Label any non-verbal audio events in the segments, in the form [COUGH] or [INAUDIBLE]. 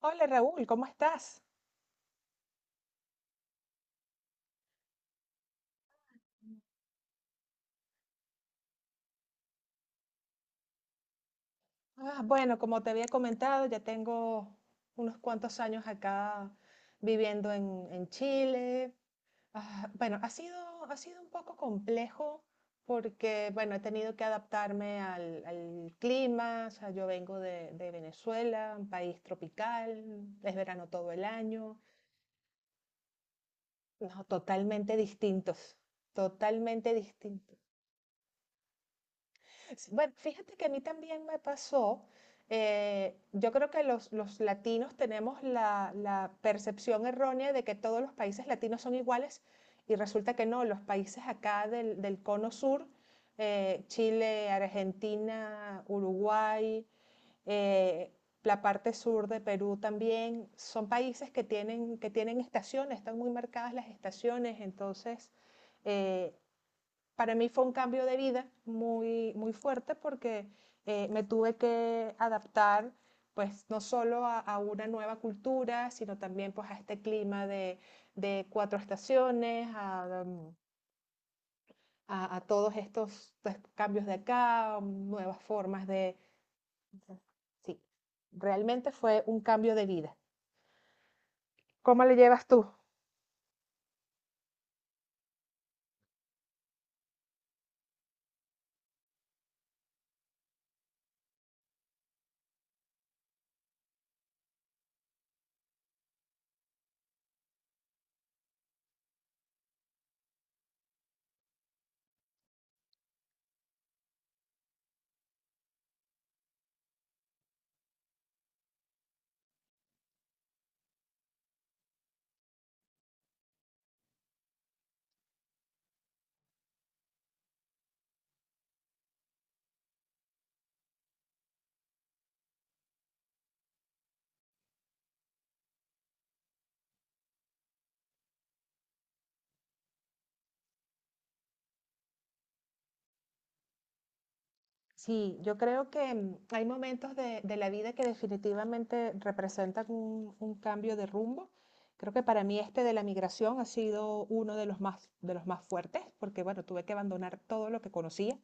Hola, Raúl, ¿cómo estás? Bueno, como te había comentado, ya tengo unos cuantos años acá viviendo en Chile. Bueno, ha sido un poco complejo porque, bueno, he tenido que adaptarme al clima. O sea, yo vengo de Venezuela, un país tropical, es verano todo el año. No, totalmente distintos, totalmente distintos. Sí, bueno, fíjate que a mí también me pasó, yo creo que los latinos tenemos la percepción errónea de que todos los países latinos son iguales, y resulta que no, los países acá del cono sur, Chile, Argentina, Uruguay, eh, la parte sur de Perú también, son países que tienen estaciones, están muy marcadas las estaciones, entonces eh, para mí fue un cambio de vida muy, muy fuerte porque me tuve que adaptar pues no solo una nueva cultura, sino también pues a este clima de cuatro estaciones, todos estos pues cambios de acá, nuevas formas de... Sí, realmente fue un cambio de vida. ¿Cómo le llevas tú? Sí, yo creo que mm, hay momentos de la vida que definitivamente representan un cambio de rumbo. Creo que para mí este de la migración ha sido uno de los más fuertes, porque bueno, tuve que abandonar todo lo que conocía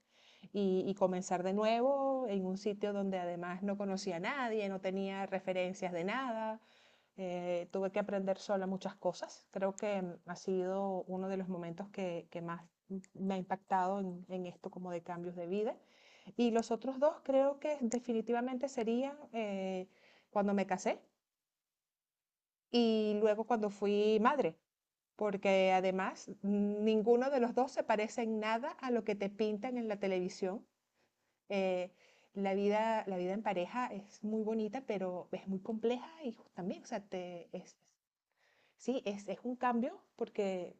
y comenzar de nuevo en un sitio donde además no conocía a nadie, no tenía referencias de nada. Tuve que aprender sola muchas cosas. Creo que mm, ha sido uno de los momentos que más mm, me ha impactado en esto como de cambios de vida. Y los otros dos creo que definitivamente serían cuando me casé y luego cuando fui madre, porque además ninguno de los dos se parece en nada a lo que te pintan en la televisión. Eh, la vida en pareja es muy bonita, pero es muy compleja y también, o sea, te, es, sí, es un cambio porque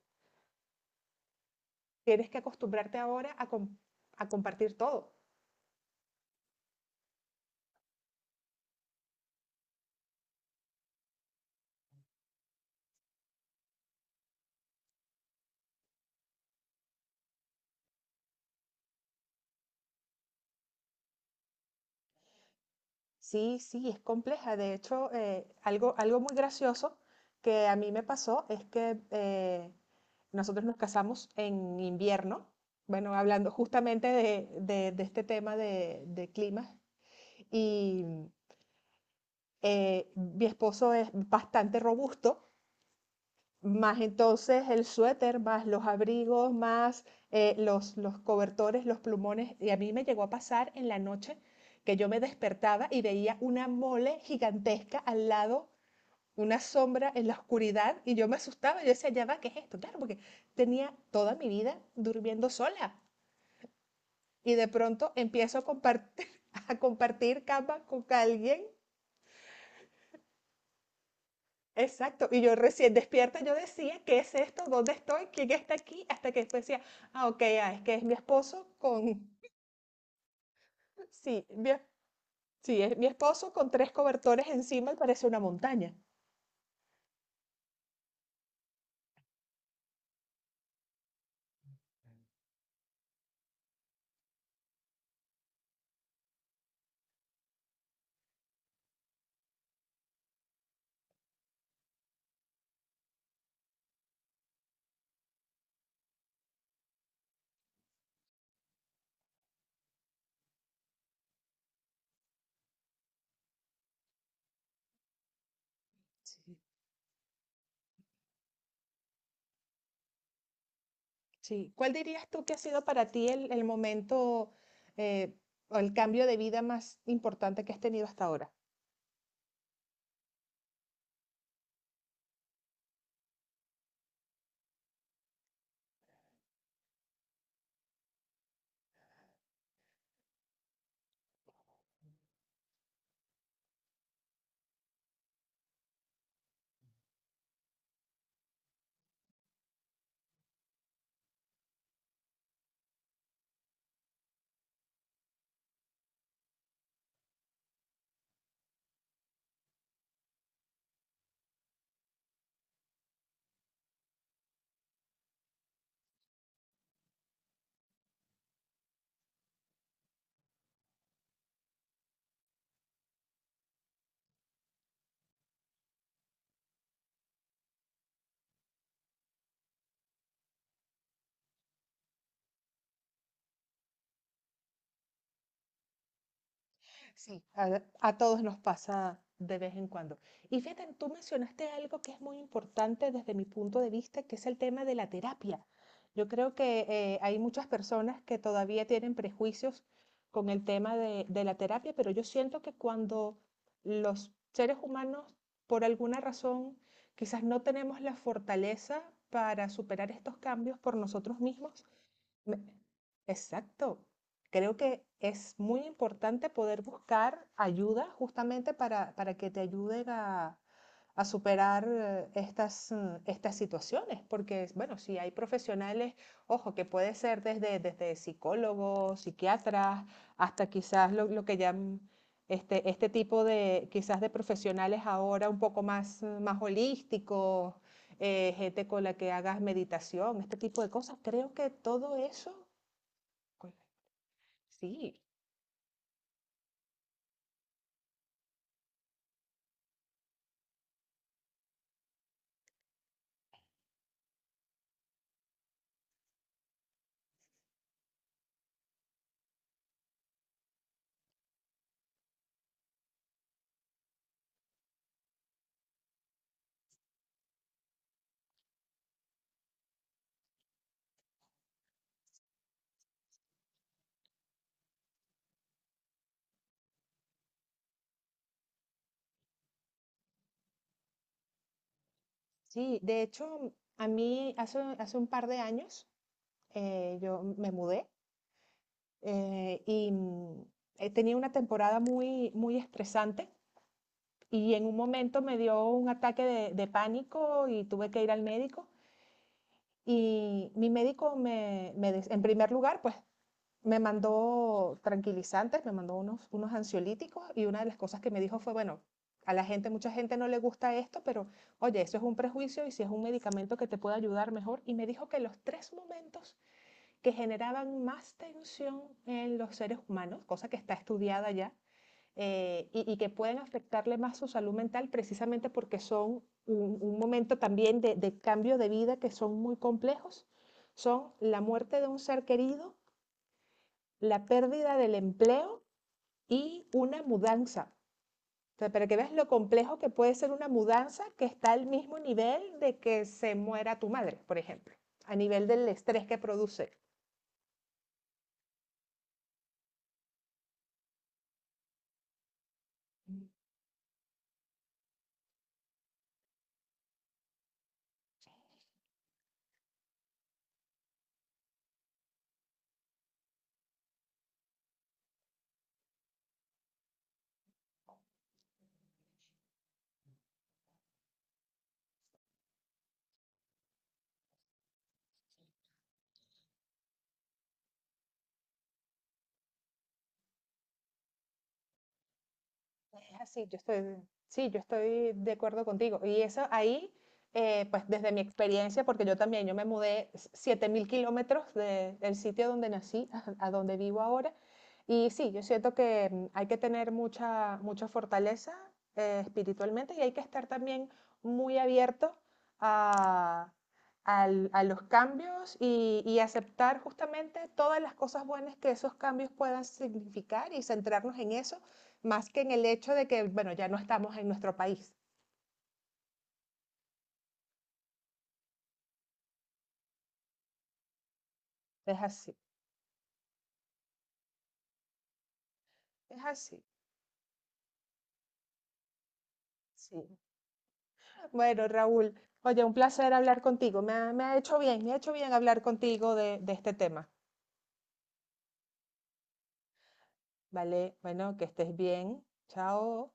tienes que acostumbrarte ahora a, a compartir todo. Sí, sí, es compleja. De hecho, algo muy gracioso que a mí me pasó es que nosotros nos casamos en invierno, bueno, hablando justamente de este tema de clima y mi esposo es bastante robusto, más entonces el suéter, más los abrigos, más los cobertores, los plumones. Y a mí me llegó a pasar en la noche que yo me despertaba y veía una mole gigantesca al lado, una sombra en la oscuridad, y yo me asustaba, yo decía, ya va, ¿qué es esto? Claro, porque tenía toda mi vida durmiendo sola y de pronto empiezo a compartir, [LAUGHS] a compartir cama con alguien. Exacto, y yo recién despierta, yo decía, ¿qué es esto? ¿Dónde estoy? ¿Quién está aquí? Hasta que después decía, ah, ok, ah, es que es mi esposo con, [LAUGHS] sí, sí, es mi esposo con tres cobertores encima y parece una montaña. Sí. Sí, ¿cuál dirías tú que ha sido para ti el momento eh, o el cambio de vida más importante que has tenido hasta ahora? Sí, a todos nos pasa de vez en cuando. Y fíjate, tú mencionaste algo que es muy importante desde mi punto de vista, que es el tema de la terapia. Yo creo que hay muchas personas que todavía tienen prejuicios con el tema de la terapia, pero yo siento que cuando los seres humanos, por alguna razón, quizás no tenemos la fortaleza para superar estos cambios por nosotros mismos, me- exacto. Creo que es muy importante poder buscar ayuda justamente para que te ayuden a superar estas situaciones, porque, bueno, si hay profesionales, ojo, que puede ser desde psicólogos, psiquiatras, hasta quizás lo que llaman este tipo de, quizás de profesionales ahora un poco más, más holísticos, gente con la que hagas meditación, este tipo de cosas. Creo que todo eso, pues, sí, sí. De hecho, a mí hace un par de años yo me mudé, eh, y mm, tenía una temporada muy, muy estresante y en un momento me dio un ataque de pánico y tuve que ir al médico. Y mi médico en primer lugar, pues me mandó tranquilizantes, me mandó unos ansiolíticos, y una de las cosas que me dijo fue, bueno, mucha gente no le gusta esto, pero oye, eso es un prejuicio y si es un medicamento que te puede ayudar mejor. Y me dijo que los tres momentos que generaban más tensión en los seres humanos, cosa que está estudiada ya, y que pueden afectarle más su salud mental precisamente porque son un momento también de cambio de vida que son muy complejos, son la muerte de un ser querido, la pérdida del empleo y una mudanza. O sea, para que veas lo complejo que puede ser una mudanza, que está al mismo nivel de que se muera tu madre, por ejemplo, a nivel del estrés que produce. Es así, yo estoy, sí, yo estoy de acuerdo contigo. Y eso ahí, pues desde mi experiencia, porque yo también, yo me mudé 7.000 kilómetros del sitio donde nací [LAUGHS] a donde vivo ahora. Y sí, yo siento que mm, hay que tener mucha, mucha fortaleza espiritualmente, y hay que estar también muy abierto a, a los cambios y aceptar justamente todas las cosas buenas que esos cambios puedan significar y centrarnos en eso más que en el hecho de que, bueno, ya no estamos en nuestro país. Es así, es así. Sí. Bueno, Raúl, oye, un placer hablar contigo. Me ha hecho bien, me ha hecho bien hablar contigo de este tema. Vale, bueno, que estés bien. Chao.